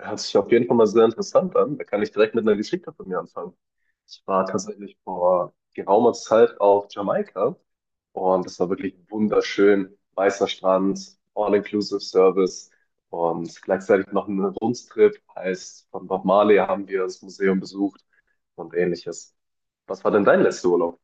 Hört sich auf jeden Fall mal sehr interessant an. Da kann ich direkt mit einer Geschichte von mir anfangen. Ich war tatsächlich vor geraumer Zeit auf Jamaika und das war wirklich wunderschön. Weißer Strand, All-Inclusive Service und gleichzeitig noch ein Rundstrip. Heißt, von Bob Marley haben wir das Museum besucht und ähnliches. Was war denn dein letzter Urlaub?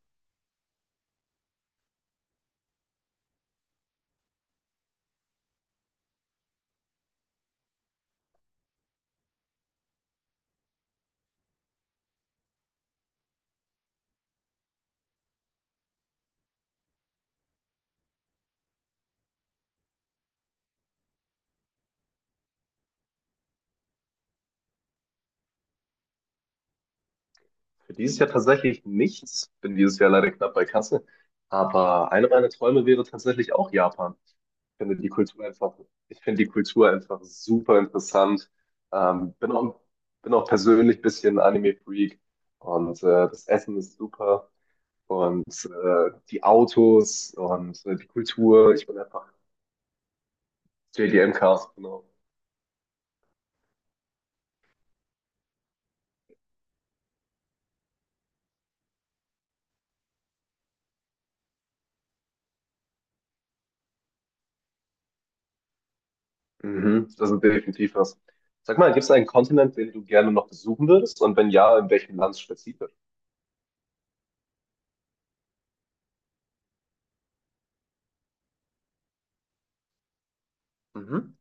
Für dieses Jahr tatsächlich nichts. Bin dieses Jahr leider knapp bei Kasse. Aber eine meiner Träume wäre tatsächlich auch Japan. Ich finde die Kultur einfach super interessant. Ähm, bin auch, bin auch persönlich ein bisschen Anime-Freak und das Essen ist super und die Autos und die Kultur. Ich bin einfach JDM-Cast, genau. Mhm, das ist definitiv was. Sag mal, gibt es einen Kontinent, den du gerne noch besuchen würdest? Und wenn ja, in welchem Land spezifisch? Mhm.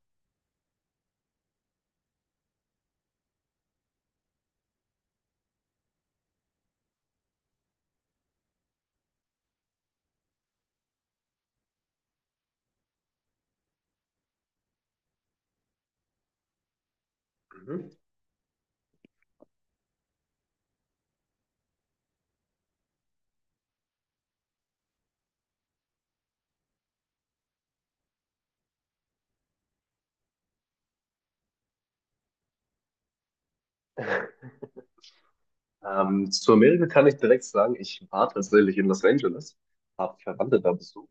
Mhm. Zu Amerika kann ich direkt sagen, ich war tatsächlich in Los Angeles, habe Verwandte da besucht.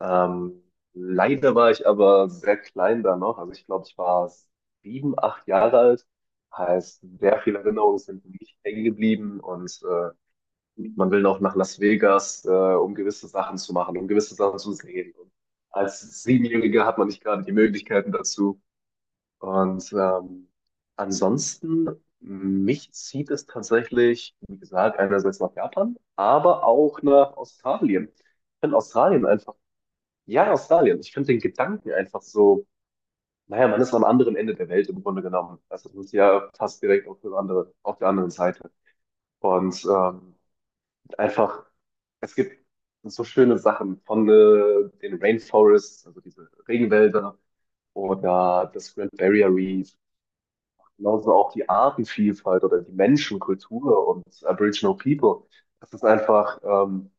Ähm, Leider war ich aber sehr klein da noch. Also ich glaube, ich war 7, 8 Jahre alt. Heißt, sehr viele Erinnerungen sind für mich hängen geblieben und man will noch nach Las Vegas, um gewisse Sachen zu machen, um gewisse Sachen zu sehen. Und als Siebenjähriger hat man nicht gerade die Möglichkeiten dazu. Und ansonsten, mich zieht es tatsächlich, wie gesagt, einerseits nach Japan, aber auch nach Australien. Ich finde Australien einfach, ja, Australien, ich finde den Gedanken einfach so, naja, man ist am anderen Ende der Welt im Grunde genommen. Also das ist ja fast direkt auf der anderen Seite. Und einfach, es gibt so schöne Sachen von den Rainforests, also diese Regenwälder oder das Grand Barrier Reef. Genauso auch die Artenvielfalt oder die Menschenkultur und Aboriginal People. Das ist einfach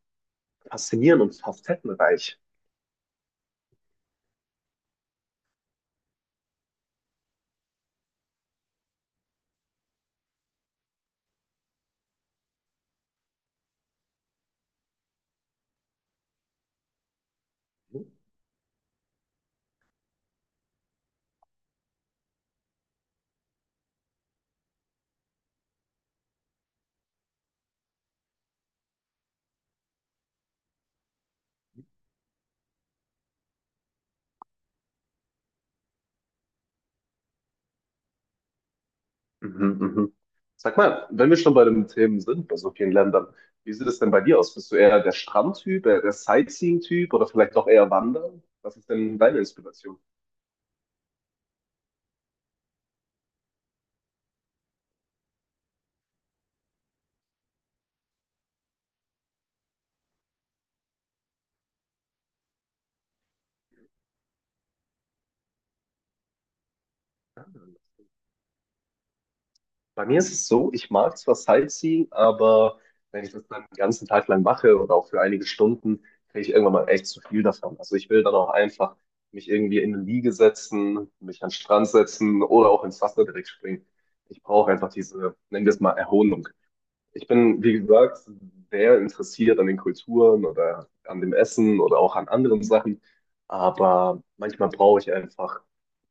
faszinierend und facettenreich. Mhm, mhm. Sag mal, wenn wir schon bei den Themen sind, bei so vielen Ländern, wie sieht es denn bei dir aus? Bist du eher der Strandtyp, eher der Sightseeing-Typ oder vielleicht auch eher Wandern? Was ist denn deine Inspiration? Bei mir ist es so, ich mag zwar Sightseeing, aber wenn ich das dann den ganzen Tag lang mache oder auch für einige Stunden, kriege ich irgendwann mal echt zu viel davon. Also ich will dann auch einfach mich irgendwie in eine Liege setzen, mich an den Strand setzen oder auch ins Wasser direkt springen. Ich brauche einfach diese, nennen wir es mal, Erholung. Ich bin, wie gesagt, sehr interessiert an den Kulturen oder an dem Essen oder auch an anderen Sachen. Aber manchmal brauche ich einfach,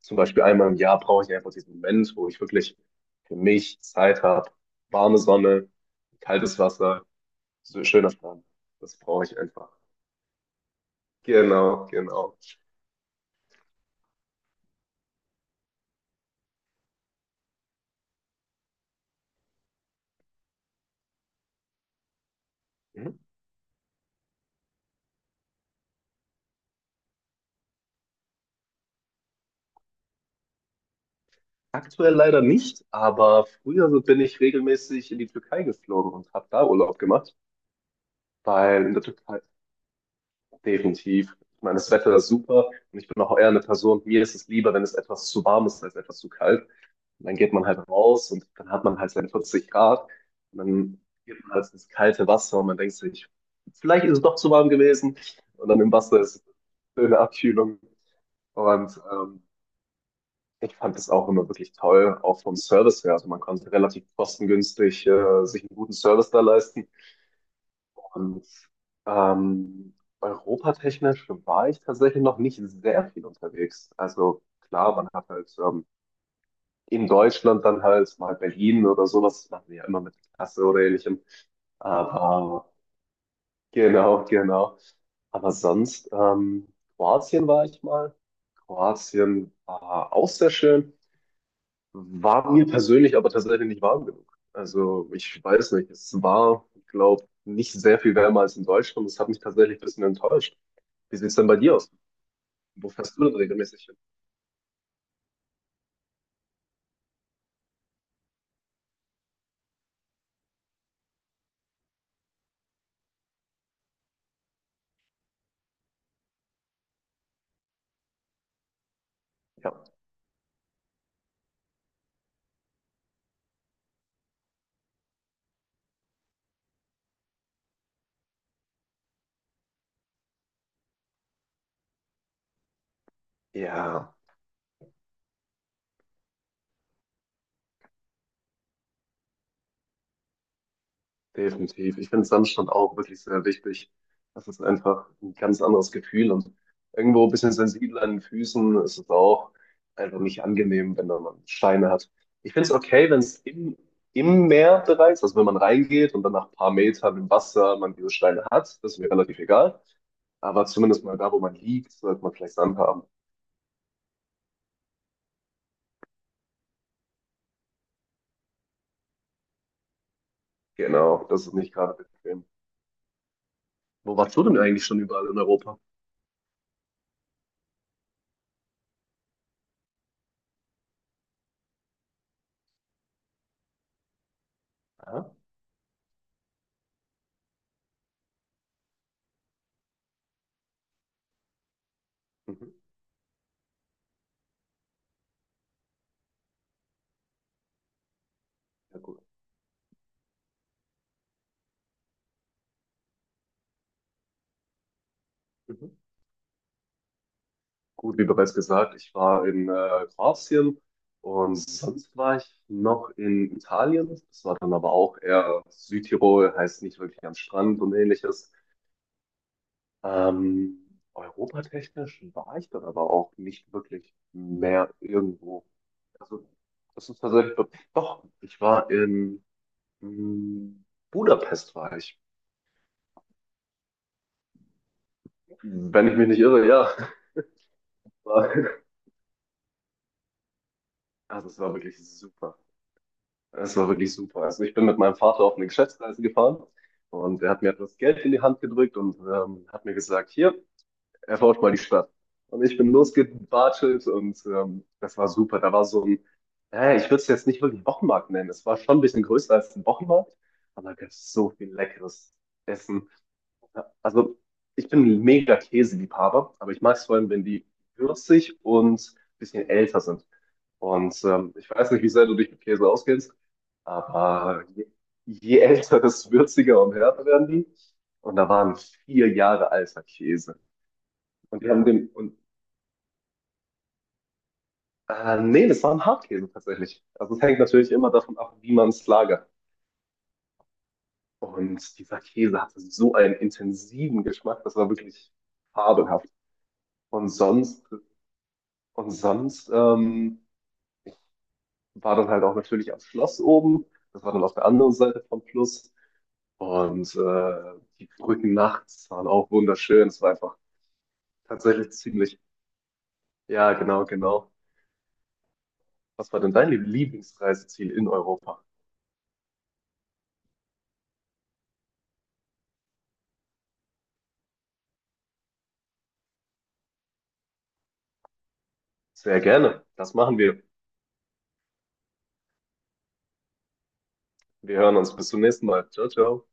zum Beispiel einmal im Jahr brauche ich einfach diesen Moment, wo ich wirklich für mich Zeit habe. Warme Sonne, kaltes Wasser, so schöner Strand. Das brauche ich einfach. Genau, genau. Mhm. Aktuell leider nicht, aber früher so bin ich regelmäßig in die Türkei geflogen und habe da Urlaub gemacht, weil in der Türkei. Definitiv. Ich meine, das Wetter ist super und ich bin auch eher eine Person, mir ist es lieber, wenn es etwas zu warm ist, als etwas zu kalt. Und dann geht man halt raus und dann hat man halt seine 40 Grad und dann geht man halt ins kalte Wasser und man denkt sich, vielleicht ist es doch zu warm gewesen und dann im Wasser ist es eine schöne Abkühlung. Und ich fand das auch immer wirklich toll, auch vom Service her. Also man konnte relativ kostengünstig sich einen guten Service da leisten. Und ähm, europatechnisch war ich tatsächlich noch nicht sehr viel unterwegs. Also klar, man hat halt in Deutschland dann halt mal Berlin oder so, das machen wir ja immer mit der Klasse oder ähnlichem. Aber genau, genau. Aber sonst, Kroatien war ich mal. Kroatien war auch sehr schön, war mir persönlich aber tatsächlich nicht warm genug. Also ich weiß nicht, es war, glaube ich, nicht sehr viel wärmer als in Deutschland. Das hat mich tatsächlich ein bisschen enttäuscht. Wie sieht es denn bei dir aus? Wo fährst du denn regelmäßig hin? Ja, ja, definitiv. Ich finde Sandstrand auch wirklich sehr wichtig. Das ist einfach ein ganz anderes Gefühl und irgendwo ein bisschen sensibel an den Füßen ist es auch einfach nicht angenehm, wenn da man Steine hat. Ich finde es okay, wenn es im Meer bereits, also wenn man reingeht und dann nach ein paar Metern im Wasser man diese Steine hat, das ist mir relativ egal. Aber zumindest mal da, wo man liegt, sollte man vielleicht Sand haben. Genau, das ist nicht gerade bequem. Wo warst du denn eigentlich schon überall in Europa? Aha. Mhm. Ja, gut. Mhm. Gut, wie bereits gesagt, ich war in Kroatien und sonst war ich noch in Italien. Das war dann aber auch eher Südtirol, heißt nicht wirklich am Strand und ähnliches. Europatechnisch war ich dann aber auch nicht wirklich mehr irgendwo. Also, das ist tatsächlich so. Doch, ich war in mm, Budapest, war ich. Wenn ich mich nicht irre, ja. War- Also, es war wirklich super. Es war wirklich super. Also ich bin mit meinem Vater auf eine Geschäftsreise gefahren und er hat mir etwas Geld in die Hand gedrückt und hat mir gesagt, hier, erforscht mal die Stadt. Und ich bin losgebartelt und das war super. Da war so ein, ich würde es jetzt nicht wirklich Wochenmarkt nennen. Es war schon ein bisschen größer als ein Wochenmarkt, aber da gab es so viel leckeres Essen. Ja, also ich bin ein mega Käseliebhaber, aber ich mag es vor allem, wenn die würzig und ein bisschen älter sind. Und ich weiß nicht, wie sehr du dich mit Käse auskennst, aber je älter, desto würziger und härter werden die. Und da waren 4 Jahre alter Käse. Und die haben den, und nee, das waren Hartkäse tatsächlich. Also es hängt natürlich immer davon ab, wie man es lagert. Und dieser Käse hatte so einen intensiven Geschmack, das war wirklich fabelhaft. Und sonst, und sonst, war dann halt auch natürlich am Schloss oben. Das war dann auf der anderen Seite vom Fluss. Und die Brücken nachts waren auch wunderschön. Es war einfach tatsächlich ziemlich. Ja, genau, genau. Was war denn dein Lieblingsreiseziel in Europa? Sehr gerne. Das machen wir. Wir hören uns. Bis zum nächsten Mal. Ciao, ciao.